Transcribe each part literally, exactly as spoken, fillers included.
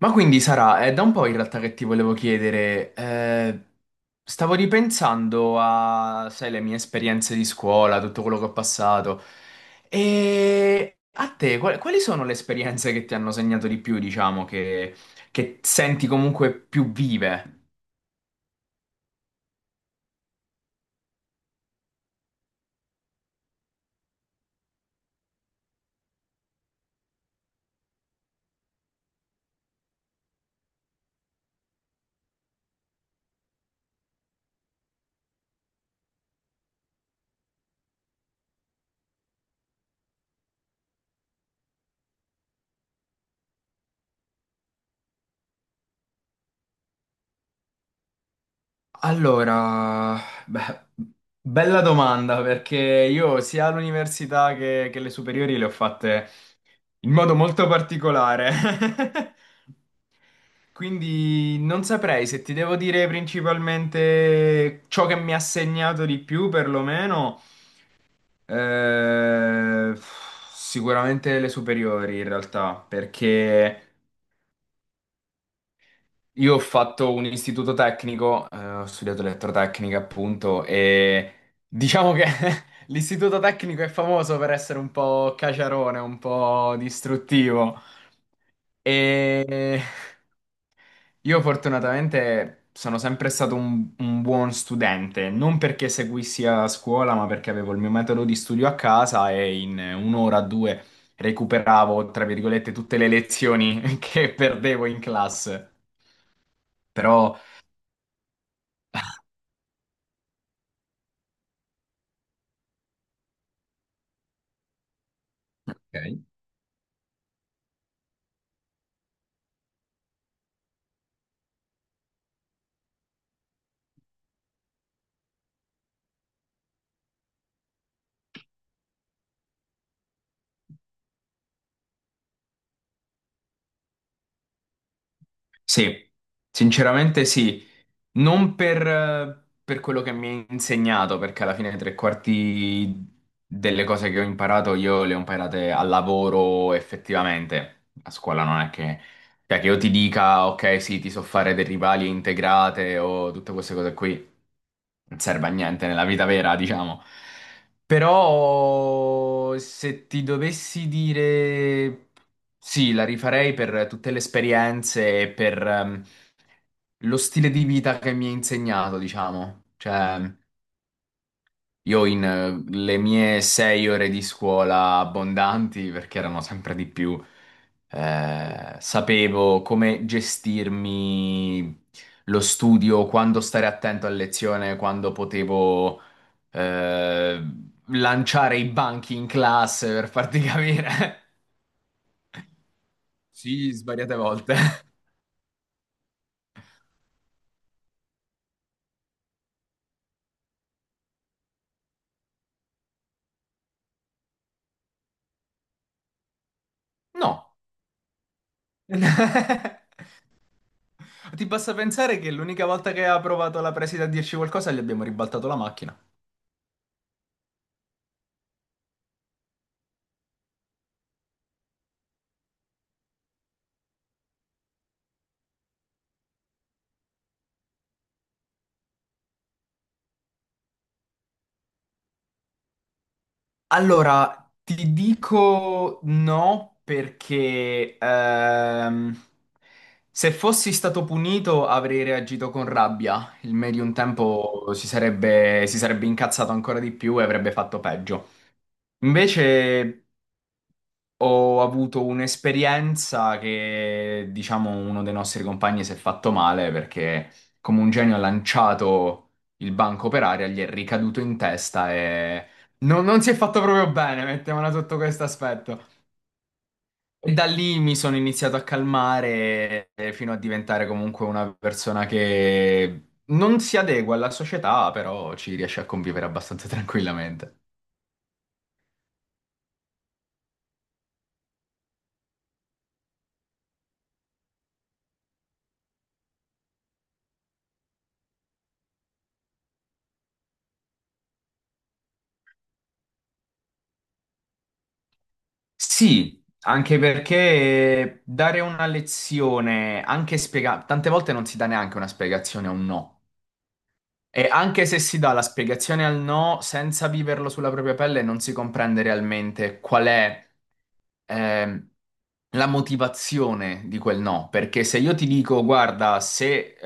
Ma quindi Sara, è da un po' in realtà che ti volevo chiedere, eh, stavo ripensando a, sai, le mie esperienze di scuola, tutto quello che ho passato, e a te, qual- quali sono le esperienze che ti hanno segnato di più, diciamo, che, che senti comunque più vive? Allora, beh, Bella domanda, perché io sia all'università che, che le superiori le ho fatte in modo molto particolare. Quindi non saprei se ti devo dire principalmente ciò che mi ha segnato di più, perlomeno, eh, sicuramente le superiori in realtà, perché Io ho fatto un istituto tecnico, eh, ho studiato elettrotecnica appunto e diciamo che l'istituto tecnico è famoso per essere un po' caciarone, un po' distruttivo e io fortunatamente sono sempre stato un, un buon studente, non perché seguissi a scuola, ma perché avevo il mio metodo di studio a casa e in un'ora o due recuperavo, tra virgolette, tutte le lezioni che perdevo in classe. Però. Ok. Sì, sinceramente sì, non per, per quello che mi ha insegnato, perché alla fine tre quarti delle cose che ho imparato io le ho imparate al lavoro effettivamente. A scuola non è che, cioè, che io ti dica, ok, sì, ti so fare derivali integrate o tutte queste cose qui. Non serve a niente nella vita vera, diciamo. Però se ti dovessi dire sì, la rifarei per tutte le esperienze e per ehm, lo stile di vita che mi ha insegnato, diciamo. Cioè, io in eh, le mie sei ore di scuola abbondanti, perché erano sempre di più, eh, sapevo come gestirmi lo studio, quando stare attento a lezione, quando potevo eh, lanciare i banchi in classe per farti capire. Sì, svariate volte. No. Ti basta pensare che l'unica volta che ha provato la preside a dirci qualcosa gli abbiamo ribaltato la macchina. Allora, ti dico no perché ehm, se fossi stato punito avrei reagito con rabbia. Il medium tempo si sarebbe, si sarebbe incazzato ancora di più e avrebbe fatto peggio. Invece, Ho avuto un'esperienza che, diciamo, uno dei nostri compagni si è fatto male perché come un genio ha lanciato il banco per aria, gli è ricaduto in testa e non, non si è fatto proprio bene, mettiamola sotto questo aspetto. E da lì mi sono iniziato a calmare eh, fino a diventare comunque una persona che non si adegua alla società, però ci riesce a convivere abbastanza tranquillamente. Sì, anche perché dare una lezione, anche spiegare, tante volte non si dà neanche una spiegazione a un no. E anche se si dà la spiegazione al no, senza viverlo sulla propria pelle, non si comprende realmente qual è ehm, la motivazione di quel no. Perché se io ti dico, guarda, se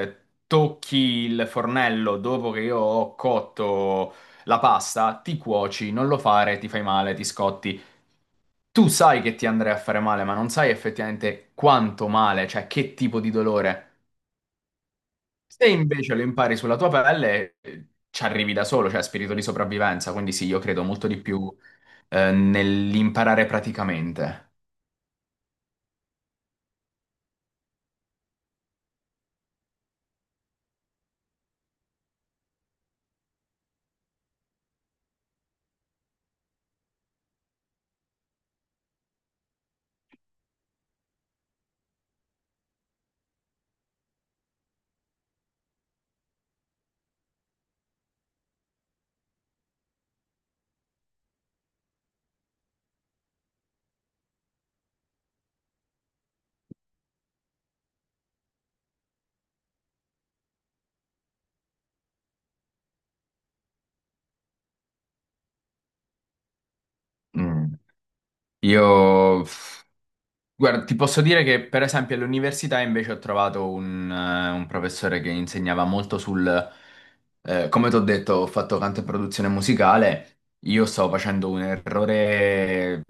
eh, tocchi il fornello dopo che io ho cotto la pasta, ti cuoci, non lo fare, ti fai male, ti scotti. Tu sai che ti andrei a fare male, ma non sai effettivamente quanto male, cioè che tipo di dolore. Se invece lo impari sulla tua pelle, eh, ci arrivi da solo, cioè spirito di sopravvivenza, quindi sì, io credo molto di più eh, nell'imparare praticamente. Mm. Io, pff, guarda, ti posso dire che per esempio all'università invece ho trovato un, eh, un professore che insegnava molto sul, eh, come ti ho detto, ho fatto canto e produzione musicale, io stavo facendo un errore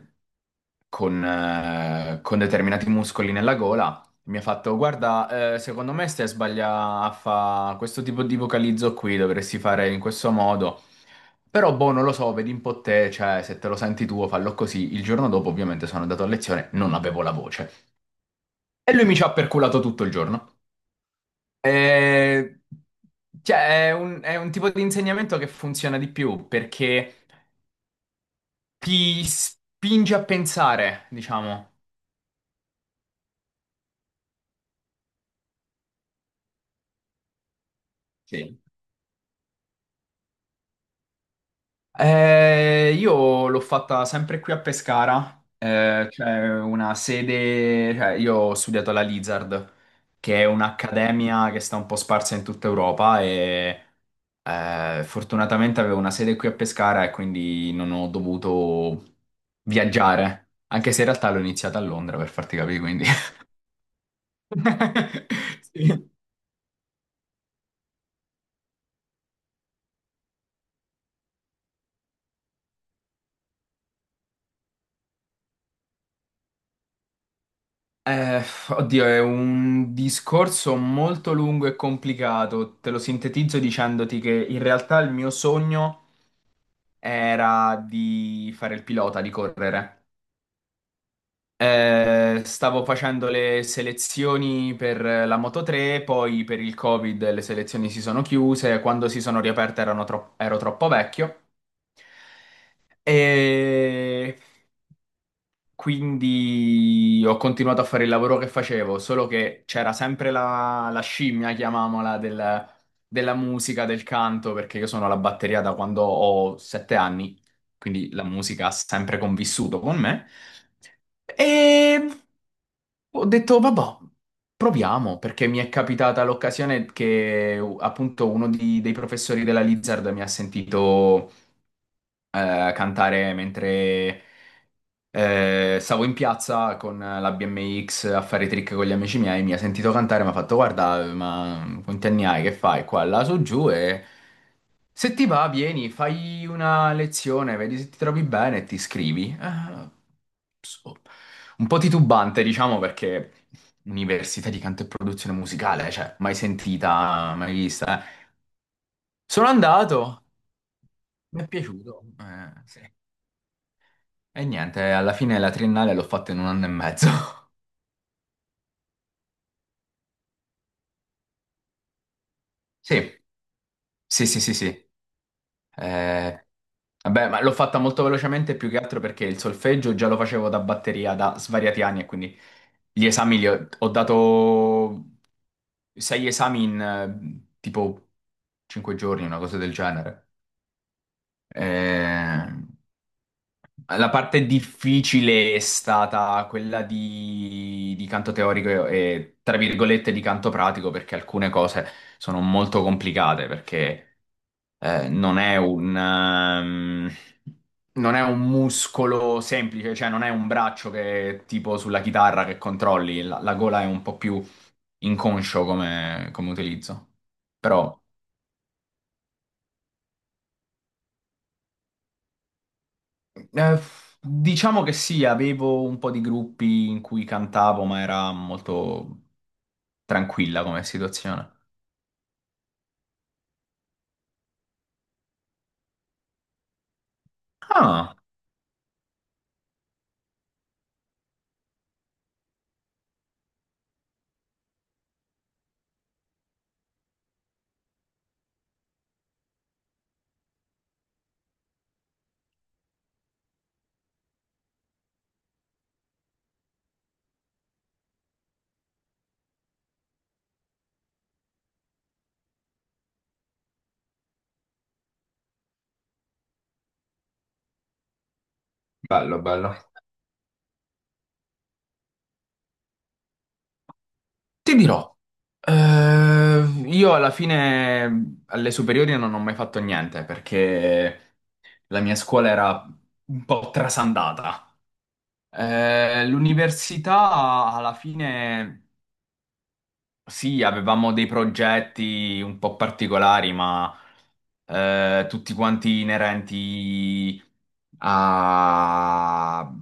con, eh, con determinati muscoli nella gola. Mi ha fatto, guarda, eh, secondo me stai sbagliando a fare questo tipo di vocalizzo qui, dovresti fare in questo modo. Però, boh, non lo so, vedi un po' te, cioè, se te lo senti tu, fallo così. Il giorno dopo, ovviamente, sono andato a lezione, non avevo la voce. E lui mi ci ha perculato tutto il giorno. E... Cioè, è un, è un tipo di insegnamento che funziona di più, perché ti spinge a pensare, diciamo. Sì. Eh, io l'ho fatta sempre qui a Pescara, eh, c'è una sede, cioè io ho studiato alla Lizard, che è un'accademia che sta un po' sparsa in tutta Europa e eh, fortunatamente avevo una sede qui a Pescara e quindi non ho dovuto viaggiare, anche se in realtà l'ho iniziata a Londra per farti capire, quindi... Sì. Eh, oddio, è un discorso molto lungo e complicato. Te lo sintetizzo dicendoti che in realtà il mio sogno era di fare il pilota, di correre. Eh, stavo facendo le selezioni per la Moto tre, poi per il Covid le selezioni si sono chiuse, quando si sono riaperte erano tro- ero troppo vecchio. E Quindi ho continuato a fare il lavoro che facevo, solo che c'era sempre la, la scimmia, chiamiamola, del- della musica, del canto, perché io sono alla batteria da quando ho sette anni, quindi la musica ha sempre convissuto con me. E ho detto, vabbè, proviamo, perché mi è capitata l'occasione che uh, appunto uno di- dei professori della Lizard mi ha sentito eh, cantare mentre eh, stavo in piazza con la B M X a fare i trick con gli amici miei, mi ha sentito cantare, mi ha fatto guarda, ma quanti anni hai, che fai qua, là, su, giù e se ti va vieni, fai una lezione, vedi se ti trovi bene e ti iscrivi. Eh, so- un po' titubante, diciamo, perché università di canto e produzione musicale, eh, cioè, mai sentita, mai vista. eh. Sono andato, mi è piaciuto, eh, sì. E niente, alla fine la triennale l'ho fatta in un anno e mezzo. Sì. Sì, sì, sì, sì. Eh, vabbè, ma l'ho fatta molto velocemente più che altro perché il solfeggio già lo facevo da batteria da svariati anni e quindi gli esami li ho, ho dato sei esami in eh, tipo cinque giorni, una cosa del genere. Eh, la parte difficile è stata quella di, di canto teorico e, tra virgolette, di canto pratico perché alcune cose sono molto complicate perché... eh, non è un, ehm, non è un muscolo semplice, cioè non è un braccio che tipo sulla chitarra che controlli, la, la gola è un po' più inconscio come, come utilizzo. Però eh, diciamo che sì, avevo un po' di gruppi in cui cantavo, ma era molto tranquilla come situazione. Ah, bello, bello. Ti dirò. Eh, io alla fine alle superiori non ho mai fatto niente perché La mia scuola era un po' trasandata. Eh, l'università alla fine sì, avevamo dei progetti un po' particolari, ma eh, tutti quanti inerenti a- a-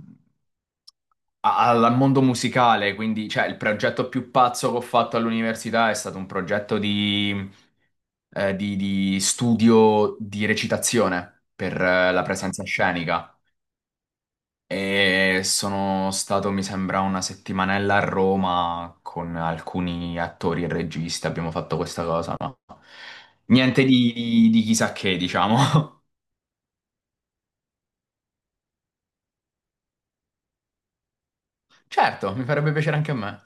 al mondo musicale. Quindi, cioè, il progetto più pazzo che ho fatto all'università è stato un progetto di, eh, di- di studio di recitazione per eh, la presenza scenica. E sono stato, mi sembra, una settimanella a Roma con alcuni attori e registi. Abbiamo fatto questa cosa, no? Niente di, di- di chissà che, diciamo. Certo, mi farebbe piacere anche a me.